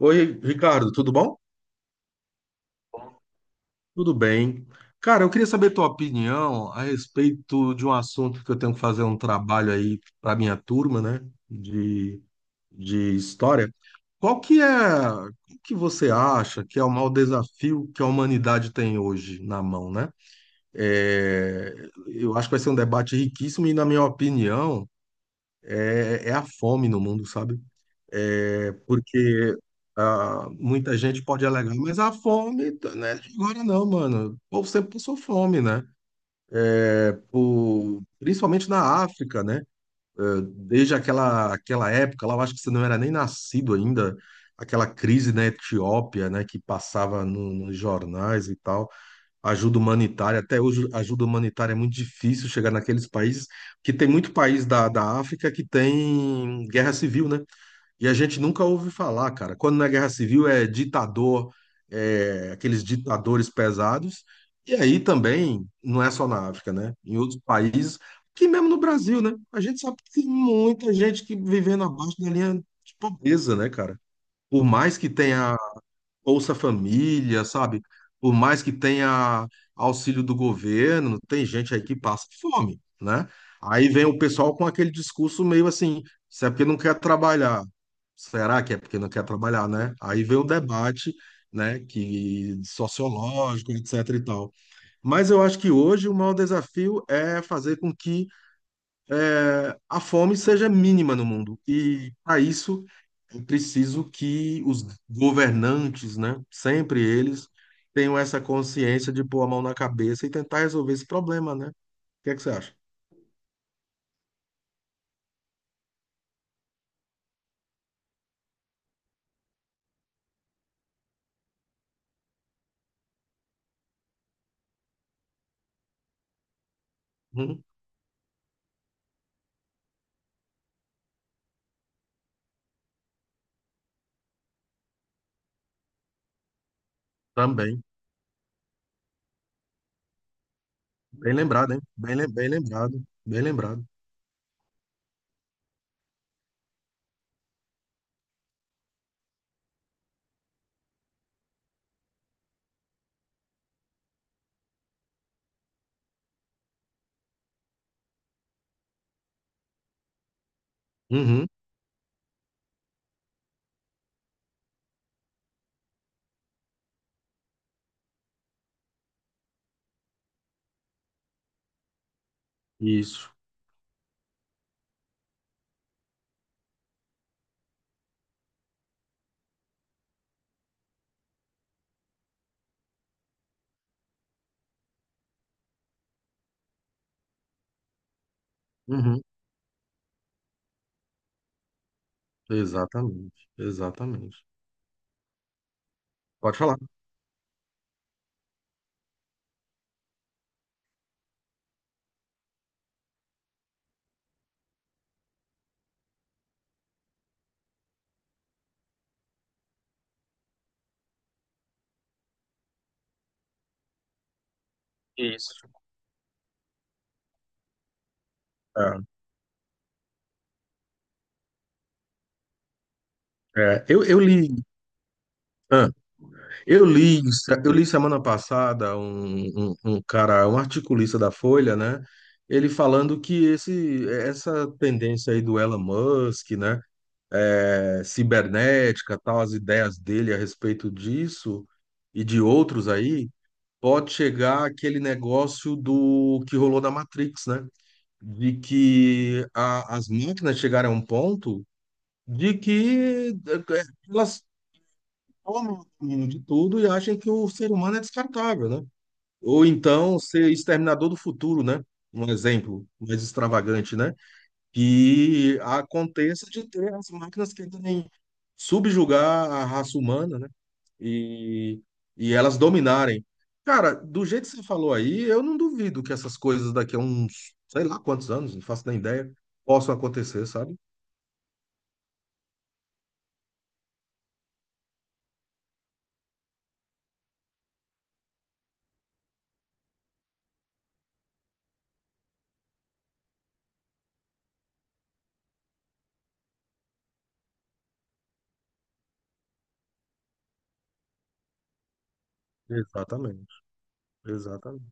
Oi, Ricardo, tudo bom? Tudo bem. Cara, eu queria saber tua opinião a respeito de um assunto que eu tenho que fazer um trabalho aí para minha turma, né, de, de história. Qual que é, o que você acha que é o maior desafio que a humanidade tem hoje na mão, né? É, eu acho que vai ser um debate riquíssimo e, na minha opinião, é a fome no mundo, sabe? É, porque muita gente pode alegar, mas a fome, tá, né? Agora não, mano. O povo sempre passou fome, né? É, principalmente na África, né? Eh, desde aquela época, lá eu acho que você não era nem nascido ainda, aquela crise na Etiópia, né, que passava nos jornais e tal, ajuda humanitária, até hoje ajuda humanitária é muito difícil chegar naqueles países, que tem muito país da África que tem guerra civil, né? E a gente nunca ouve falar, cara. Quando na Guerra Civil é ditador, é, aqueles ditadores pesados. E aí também, não é só na África, né? Em outros países, que mesmo no Brasil, né? A gente sabe que tem muita gente que vivendo abaixo da linha de pobreza, né, cara? Por mais que tenha Bolsa Família, sabe? Por mais que tenha auxílio do governo, tem gente aí que passa fome, né? Aí vem o pessoal com aquele discurso meio assim, se é porque não quer trabalhar. Será que é porque não quer trabalhar, né? Aí vem o debate, né, que sociológico, etc e tal. Mas eu acho que hoje o maior desafio é fazer com que a fome seja mínima no mundo. E para isso é preciso que os governantes, né, sempre eles, tenham essa consciência de pôr a mão na cabeça e tentar resolver esse problema, né? O que é que você acha? Uhum, também. Bem lembrado, hein? Bem, bem lembrado. Bem lembrado. Uhum, isso. Uhum, exatamente. Exatamente. Pode falar. Isso. É, eu li. Eu li, eu li semana passada um cara, um articulista da Folha, né? Ele falando que essa tendência aí do Elon Musk, né? É, cibernética, tal, as ideias dele a respeito disso e de outros aí, pode chegar aquele negócio do que rolou na Matrix, né? De que as máquinas chegaram a um ponto de que eh, elas tomam de tudo e acham que o ser humano é descartável, né? Ou então ser exterminador do futuro, né? Um exemplo mais extravagante, né? Que aconteça de ter as máquinas que tentem subjugar a raça humana, né? E, e elas dominarem. Cara, do jeito que você falou aí, eu não duvido que essas coisas daqui a uns, sei lá quantos anos, não faço nem ideia, possam acontecer, sabe? Exatamente, exatamente,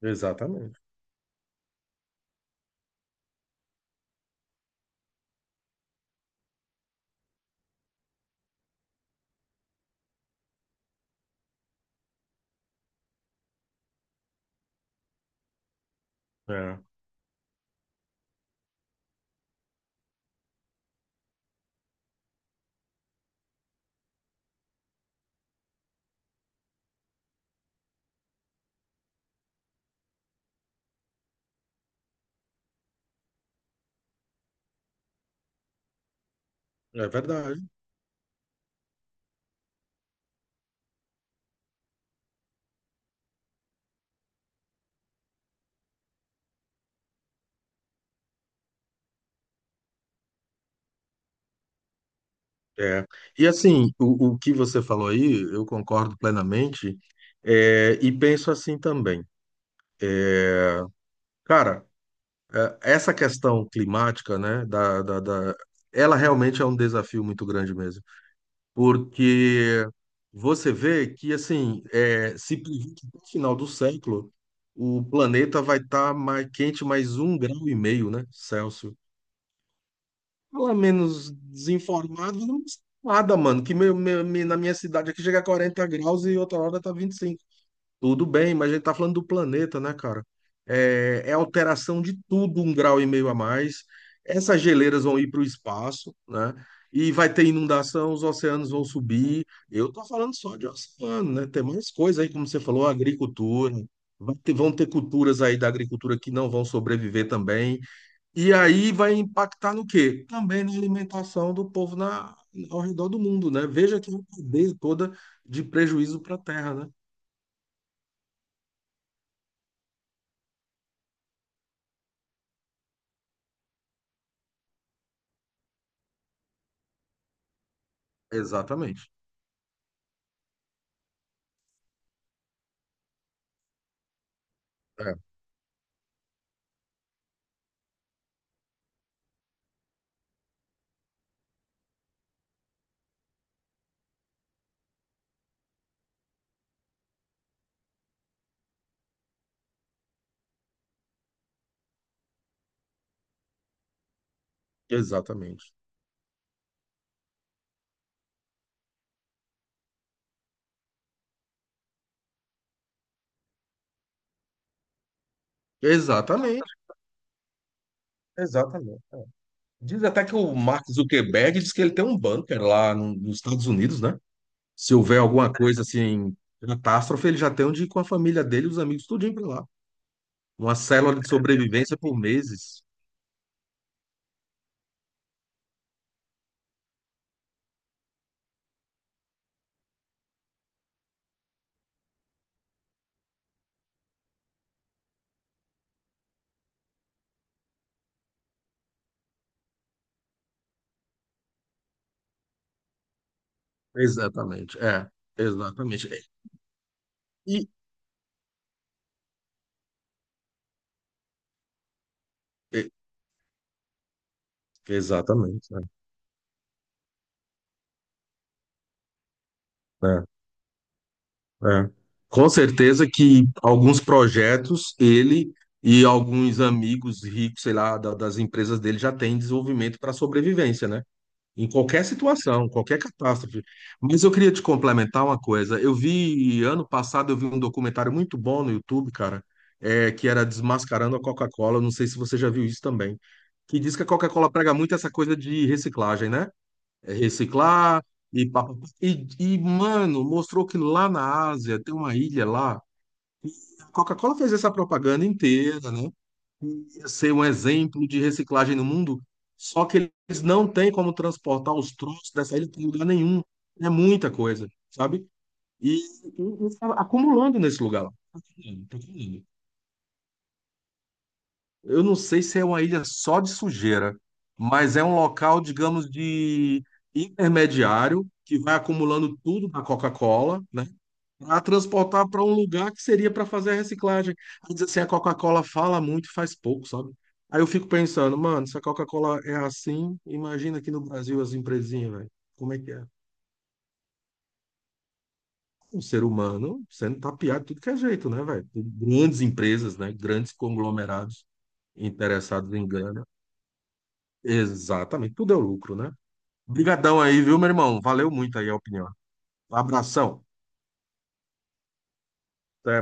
exatamente. É, é verdade. É. E assim, o que você falou aí, eu concordo plenamente, é, e penso assim também. Cara, é, essa questão climática, né, ela realmente é um desafio muito grande mesmo, porque você vê que, assim, é, se previ- que no final do século, o planeta vai estar mais quente mais um grau e meio, né, Celsius. Fala menos desinformado, não custa nada, mano. Que na minha cidade aqui chega a 40 graus e outra hora tá 25. Tudo bem, mas a gente tá falando do planeta, né, cara? É, é alteração de tudo, um grau e meio a mais. Essas geleiras vão ir para o espaço, né? E vai ter inundação, os oceanos vão subir. Eu tô falando só de oceano, né? Tem mais coisa aí, como você falou, agricultura. Vão ter culturas aí da agricultura que não vão sobreviver também. E aí vai impactar no quê? Também na alimentação do povo na, ao redor do mundo, né? Veja que uma cadeia toda de prejuízo para a Terra, né? Exatamente. É, exatamente. Exatamente. Diz até que o Mark Zuckerberg diz que ele tem um bunker lá nos Estados Unidos, né? Se houver alguma coisa assim, catástrofe, ele já tem onde ir com a família dele e os amigos tudinho para lá. Uma célula de sobrevivência por meses. Exatamente. É, exatamente. E, e- exatamente. É. É. Com certeza que alguns projetos ele e alguns amigos ricos, sei lá, das empresas dele já têm desenvolvimento para sobrevivência, né? Em qualquer situação, qualquer catástrofe. Mas eu queria te complementar uma coisa. Eu vi, ano passado, eu vi um documentário muito bom no YouTube, cara, é, que era Desmascarando a Coca-Cola. Não sei se você já viu isso também. Que diz que a Coca-Cola prega muito essa coisa de reciclagem, né? É, reciclar e, pá, pá, pá. E, e, mano, mostrou que lá na Ásia tem uma ilha lá. A Coca-Cola fez essa propaganda inteira, né? Ia ser um exemplo de reciclagem no mundo. Só que eles não têm como transportar os troços dessa ilha para lugar nenhum. É muita coisa, sabe? E, e tá acumulando nesse lugar lá. Tá acumulando, tá acumulando. Eu não sei se é uma ilha só de sujeira, mas é um local, digamos, de intermediário que vai acumulando tudo da Coca-Cola, né, para transportar para um lugar que seria para fazer a reciclagem. Aí diz assim, a Coca-Cola fala muito e faz pouco, sabe? Aí eu fico pensando, mano, se a Coca-Cola é assim, imagina aqui no Brasil as empresinhas, velho. Como é que é? Um ser humano sendo tapeado de tudo que é jeito, né, velho? Por grandes empresas, né? Grandes conglomerados interessados em ganhar. Exatamente, tudo é lucro, né? Obrigadão aí, viu, meu irmão? Valeu muito aí a opinião. Abração. Até